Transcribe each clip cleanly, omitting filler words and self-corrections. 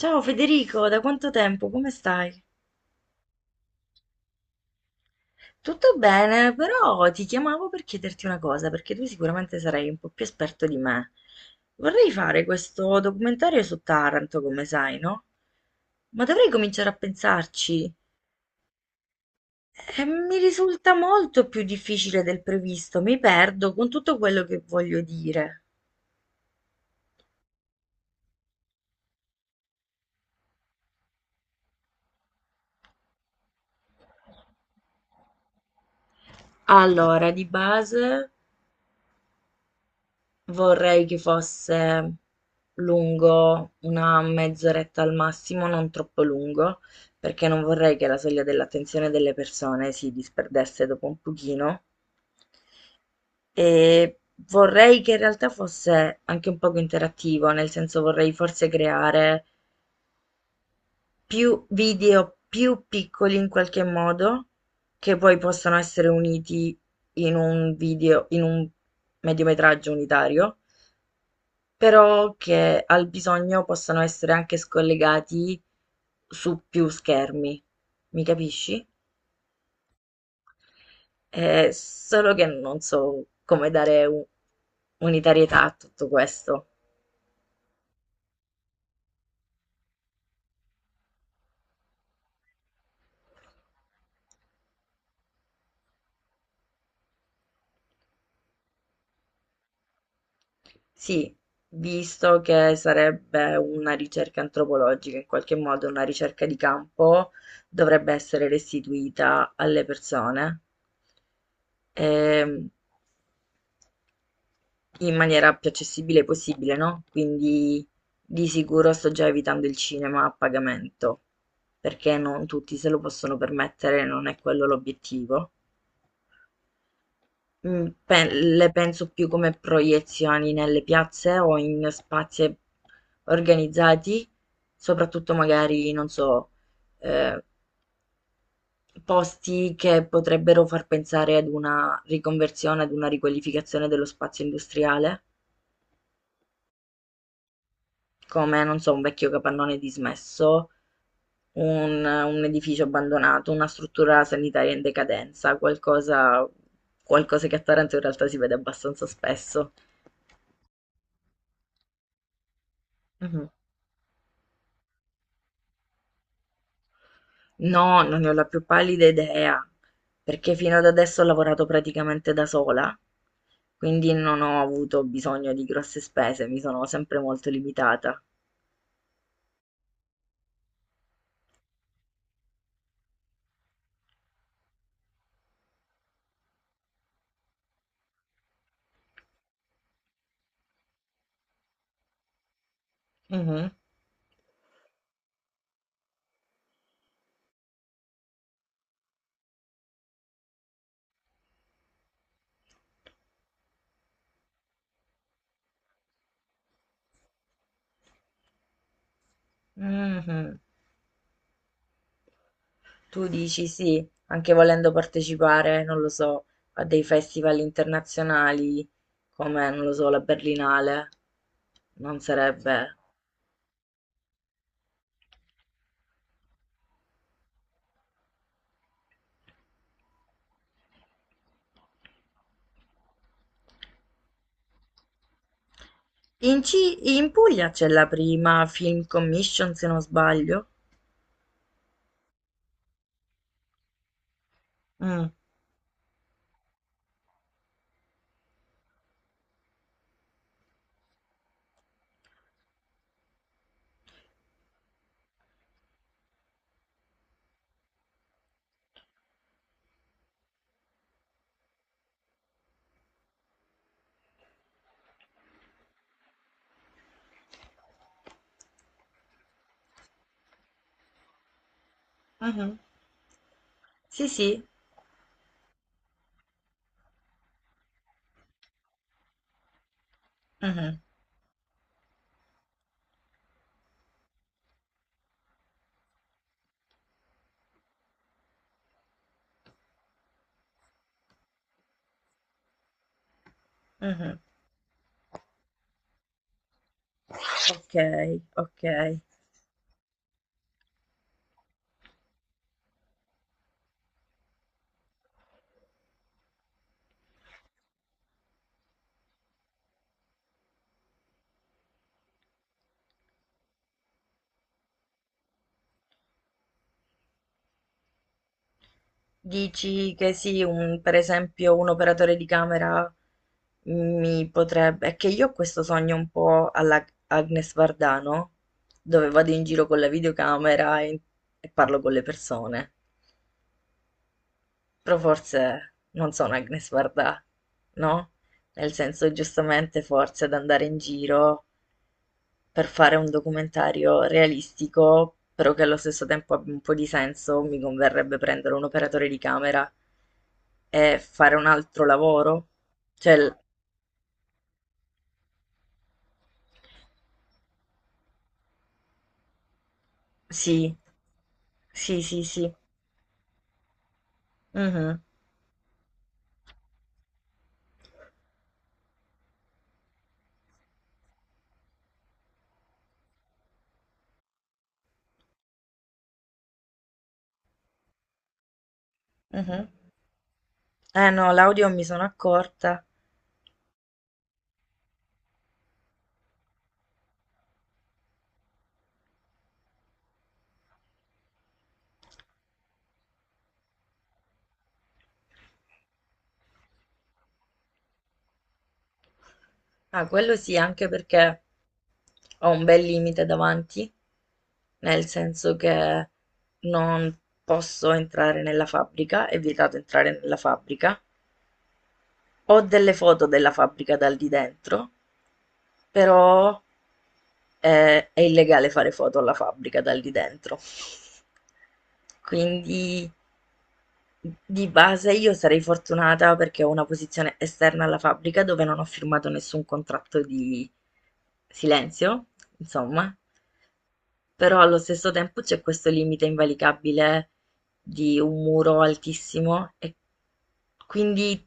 Ciao Federico, da quanto tempo? Come stai? Tutto bene, però ti chiamavo per chiederti una cosa, perché tu sicuramente sarai un po' più esperto di me. Vorrei fare questo documentario su Taranto, come sai, no? Ma dovrei cominciare a pensarci. E mi risulta molto più difficile del previsto, mi perdo con tutto quello che voglio dire. Allora, di base. Vorrei che fosse lungo una mezz'oretta al massimo, non troppo lungo, perché non vorrei che la soglia dell'attenzione delle persone si disperdesse dopo un pochino. E vorrei che in realtà fosse anche un poco interattivo, nel senso vorrei forse creare più video più piccoli in qualche modo, che poi possano essere uniti in un video, in un mediometraggio unitario. Però che al bisogno possano essere anche scollegati su più schermi, mi capisci? Solo che non so come dare unitarietà a tutto questo. Sì, visto che sarebbe una ricerca antropologica, in qualche modo una ricerca di campo, dovrebbe essere restituita alle persone. Ehm, in maniera più accessibile possibile, no? Quindi di sicuro sto già evitando il cinema a pagamento, perché non tutti se lo possono permettere, non è quello l'obiettivo. Mm, le penso più come proiezioni nelle piazze o in spazi organizzati, soprattutto magari, non so, eh, posti che potrebbero far pensare ad una riconversione, ad una riqualificazione dello spazio industriale. Come, non so, un vecchio capannone dismesso, un edificio abbandonato, una struttura sanitaria in decadenza, qualcosa, qualcosa che a Taranto in realtà si vede abbastanza spesso. Mhm. No, non ne ho la più pallida idea, perché fino ad adesso ho lavorato praticamente da sola, quindi non ho avuto bisogno di grosse spese, mi sono sempre molto limitata. Mhm, mhm. Tu dici sì, anche volendo partecipare, non lo so, a dei festival internazionali come, non lo so, la Berlinale, non sarebbe... In Puglia c'è la prima Film Commission, se non sbaglio. Mm, mhm. Sì, sì. Mhm, mhm. Ok, ok. Dici che sì, per esempio un operatore di camera mi potrebbe... È che io ho questo sogno un po' alla Agnes Vardano, dove vado in giro con la videocamera e parlo con le persone. Però forse non sono Agnes Varda, no? Nel senso, giustamente, forse ad andare in giro per fare un documentario realistico, però che allo stesso tempo abbia un po' di senso, mi converrebbe prendere un operatore di camera e fare un altro lavoro. Cioè, l- sì, sì, sì, sì. Mhm, mhm. Eh no, l'audio mi sono accorta. Ah, quello sì, anche perché ho un bel limite davanti, nel senso che non posso entrare nella fabbrica, è vietato entrare nella fabbrica. Ho delle foto della fabbrica dal di dentro, però, è illegale fare foto alla fabbrica dal di dentro. Quindi di base io sarei fortunata perché ho una posizione esterna alla fabbrica dove non ho firmato nessun contratto di silenzio, insomma, però allo stesso tempo c'è questo limite invalicabile di un muro altissimo e quindi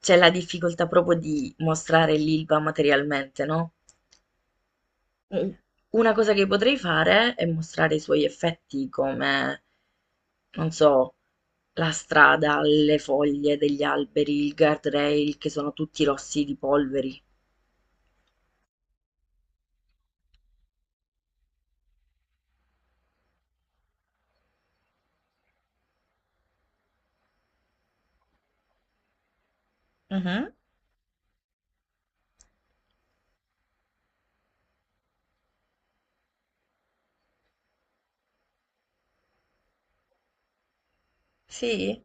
c'è la difficoltà proprio di mostrare l'Ilva materialmente, no? Mh. Una cosa che potrei fare è mostrare i suoi effetti come, non so, la strada, le foglie degli alberi, il guardrail che sono tutti rossi di polveri. Mhm. Sì?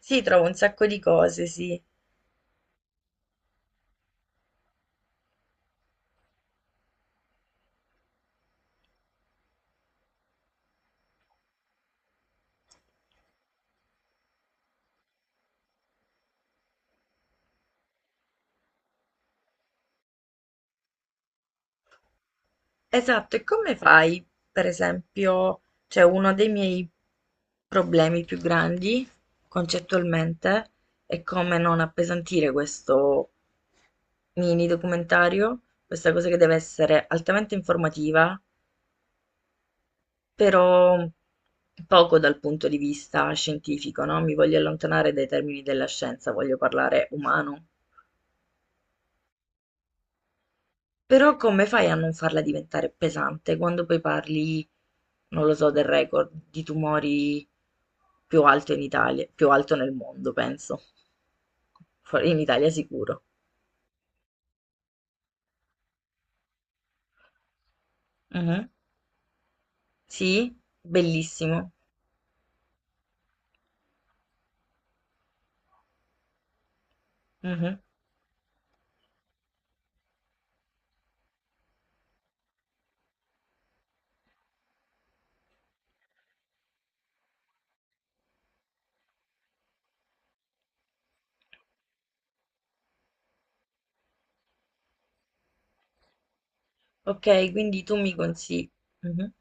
Sì, trovo un sacco di cose, sì. Esatto, e come fai? Per esempio, cioè uno dei miei problemi più grandi concettualmente è come non appesantire questo mini documentario, questa cosa che deve essere altamente informativa, però poco dal punto di vista scientifico, no? Mi voglio allontanare dai termini della scienza, voglio parlare umano. Però come fai a non farla diventare pesante quando poi parli, non lo so, del record di tumori più alto in Italia, più alto nel mondo, penso. In Italia sicuro. Mhm. Sì? Bellissimo. Mhm. Ok, quindi tu mi consigli... Mhm.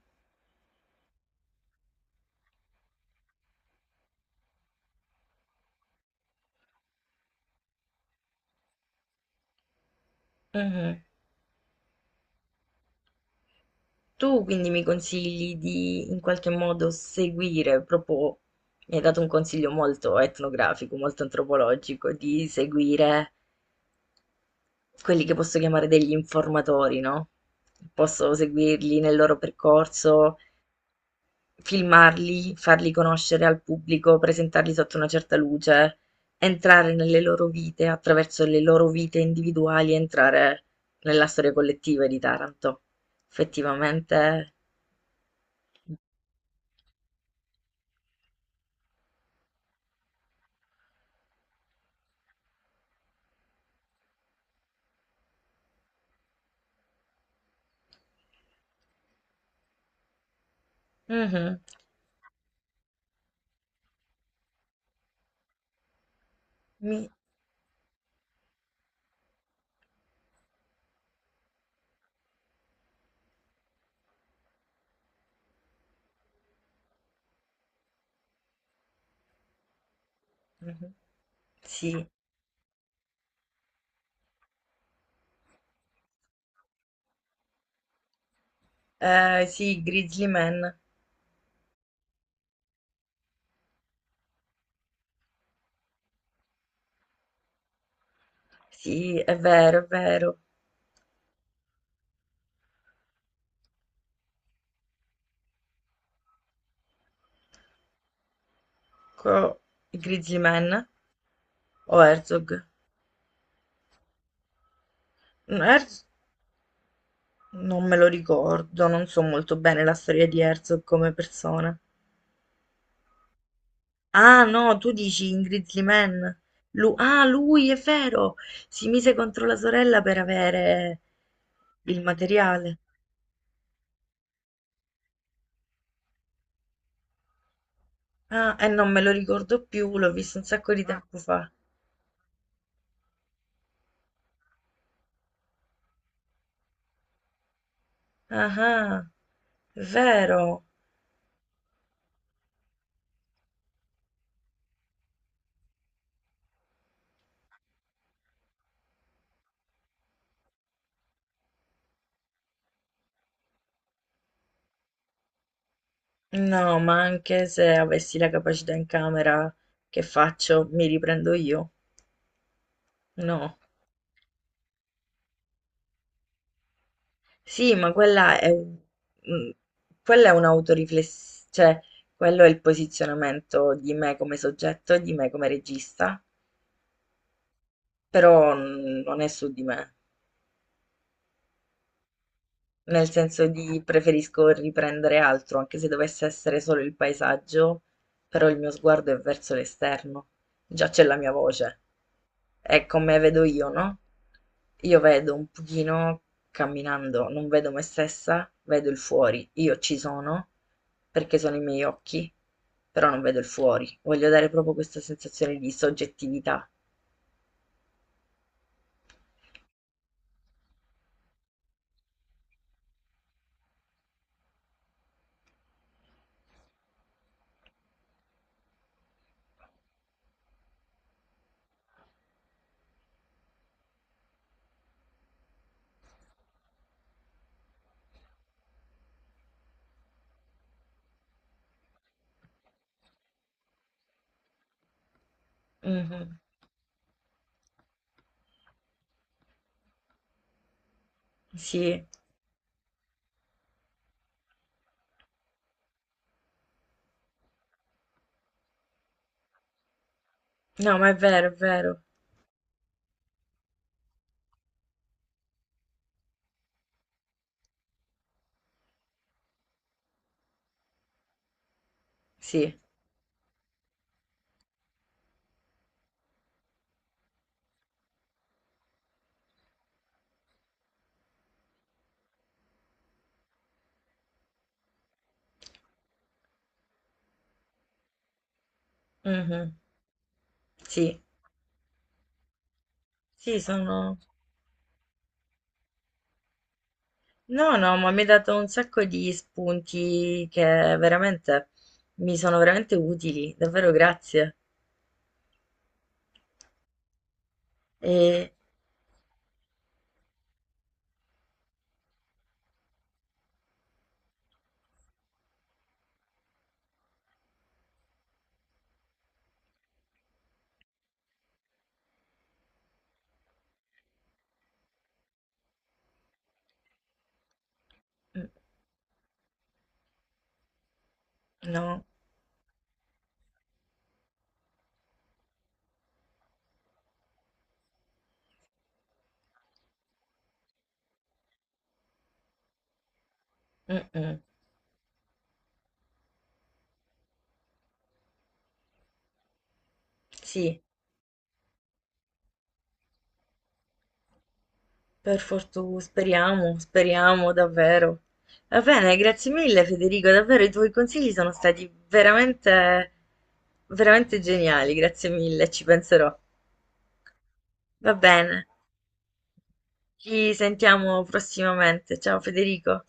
Mhm. Tu quindi mi consigli di in qualche modo seguire proprio... Mi hai dato un consiglio molto etnografico, molto antropologico, di seguire quelli che posso chiamare degli informatori, no, posso seguirli nel loro percorso, filmarli, farli conoscere al pubblico, presentarli sotto una certa luce, entrare nelle loro vite, attraverso le loro vite individuali, entrare nella storia collettiva di Taranto. Effettivamente. Mh-mh. Mi mh-mh. Sì, sì, Grizzly Man. Sì, è vero, è vero. Co Grizzly Man o Herzog? Herzog? Non me lo ricordo, non so molto bene la storia di Herzog come persona. Ah, no, tu dici in Grizzly Man. Lui è vero! Si mise contro la sorella per avere il materiale. Ah, e non me lo ricordo più, l'ho visto un sacco di tempo fa. Ah, ah, è vero. No, ma anche se avessi la capacità in camera, che faccio? Mi riprendo io? No. Sì, ma mm, quella è un'autoriflessione, cioè quello è il posizionamento di me come soggetto e di me come regista, però non è su di me. Nel senso di preferisco riprendere altro, anche se dovesse essere solo il paesaggio, però il mio sguardo è verso l'esterno, già c'è la mia voce, è come vedo io, no? Io vedo un pochino camminando, non vedo me stessa, vedo il fuori, io ci sono perché sono i miei occhi, però non vedo il fuori, voglio dare proprio questa sensazione di soggettività. Mhm, sì, no, ma è vero, sì, mhm, sì. Sì, sono... No, no, ma mi hai dato un sacco di spunti che veramente mi sono veramente utili, davvero grazie. E... mm, no, mm, mm. Sì, per fortuna, speriamo, speriamo davvero. Va bene, grazie mille Federico, davvero i tuoi consigli sono stati veramente, veramente geniali, grazie mille, ci penserò. Va bene, ci sentiamo prossimamente. Ciao Federico.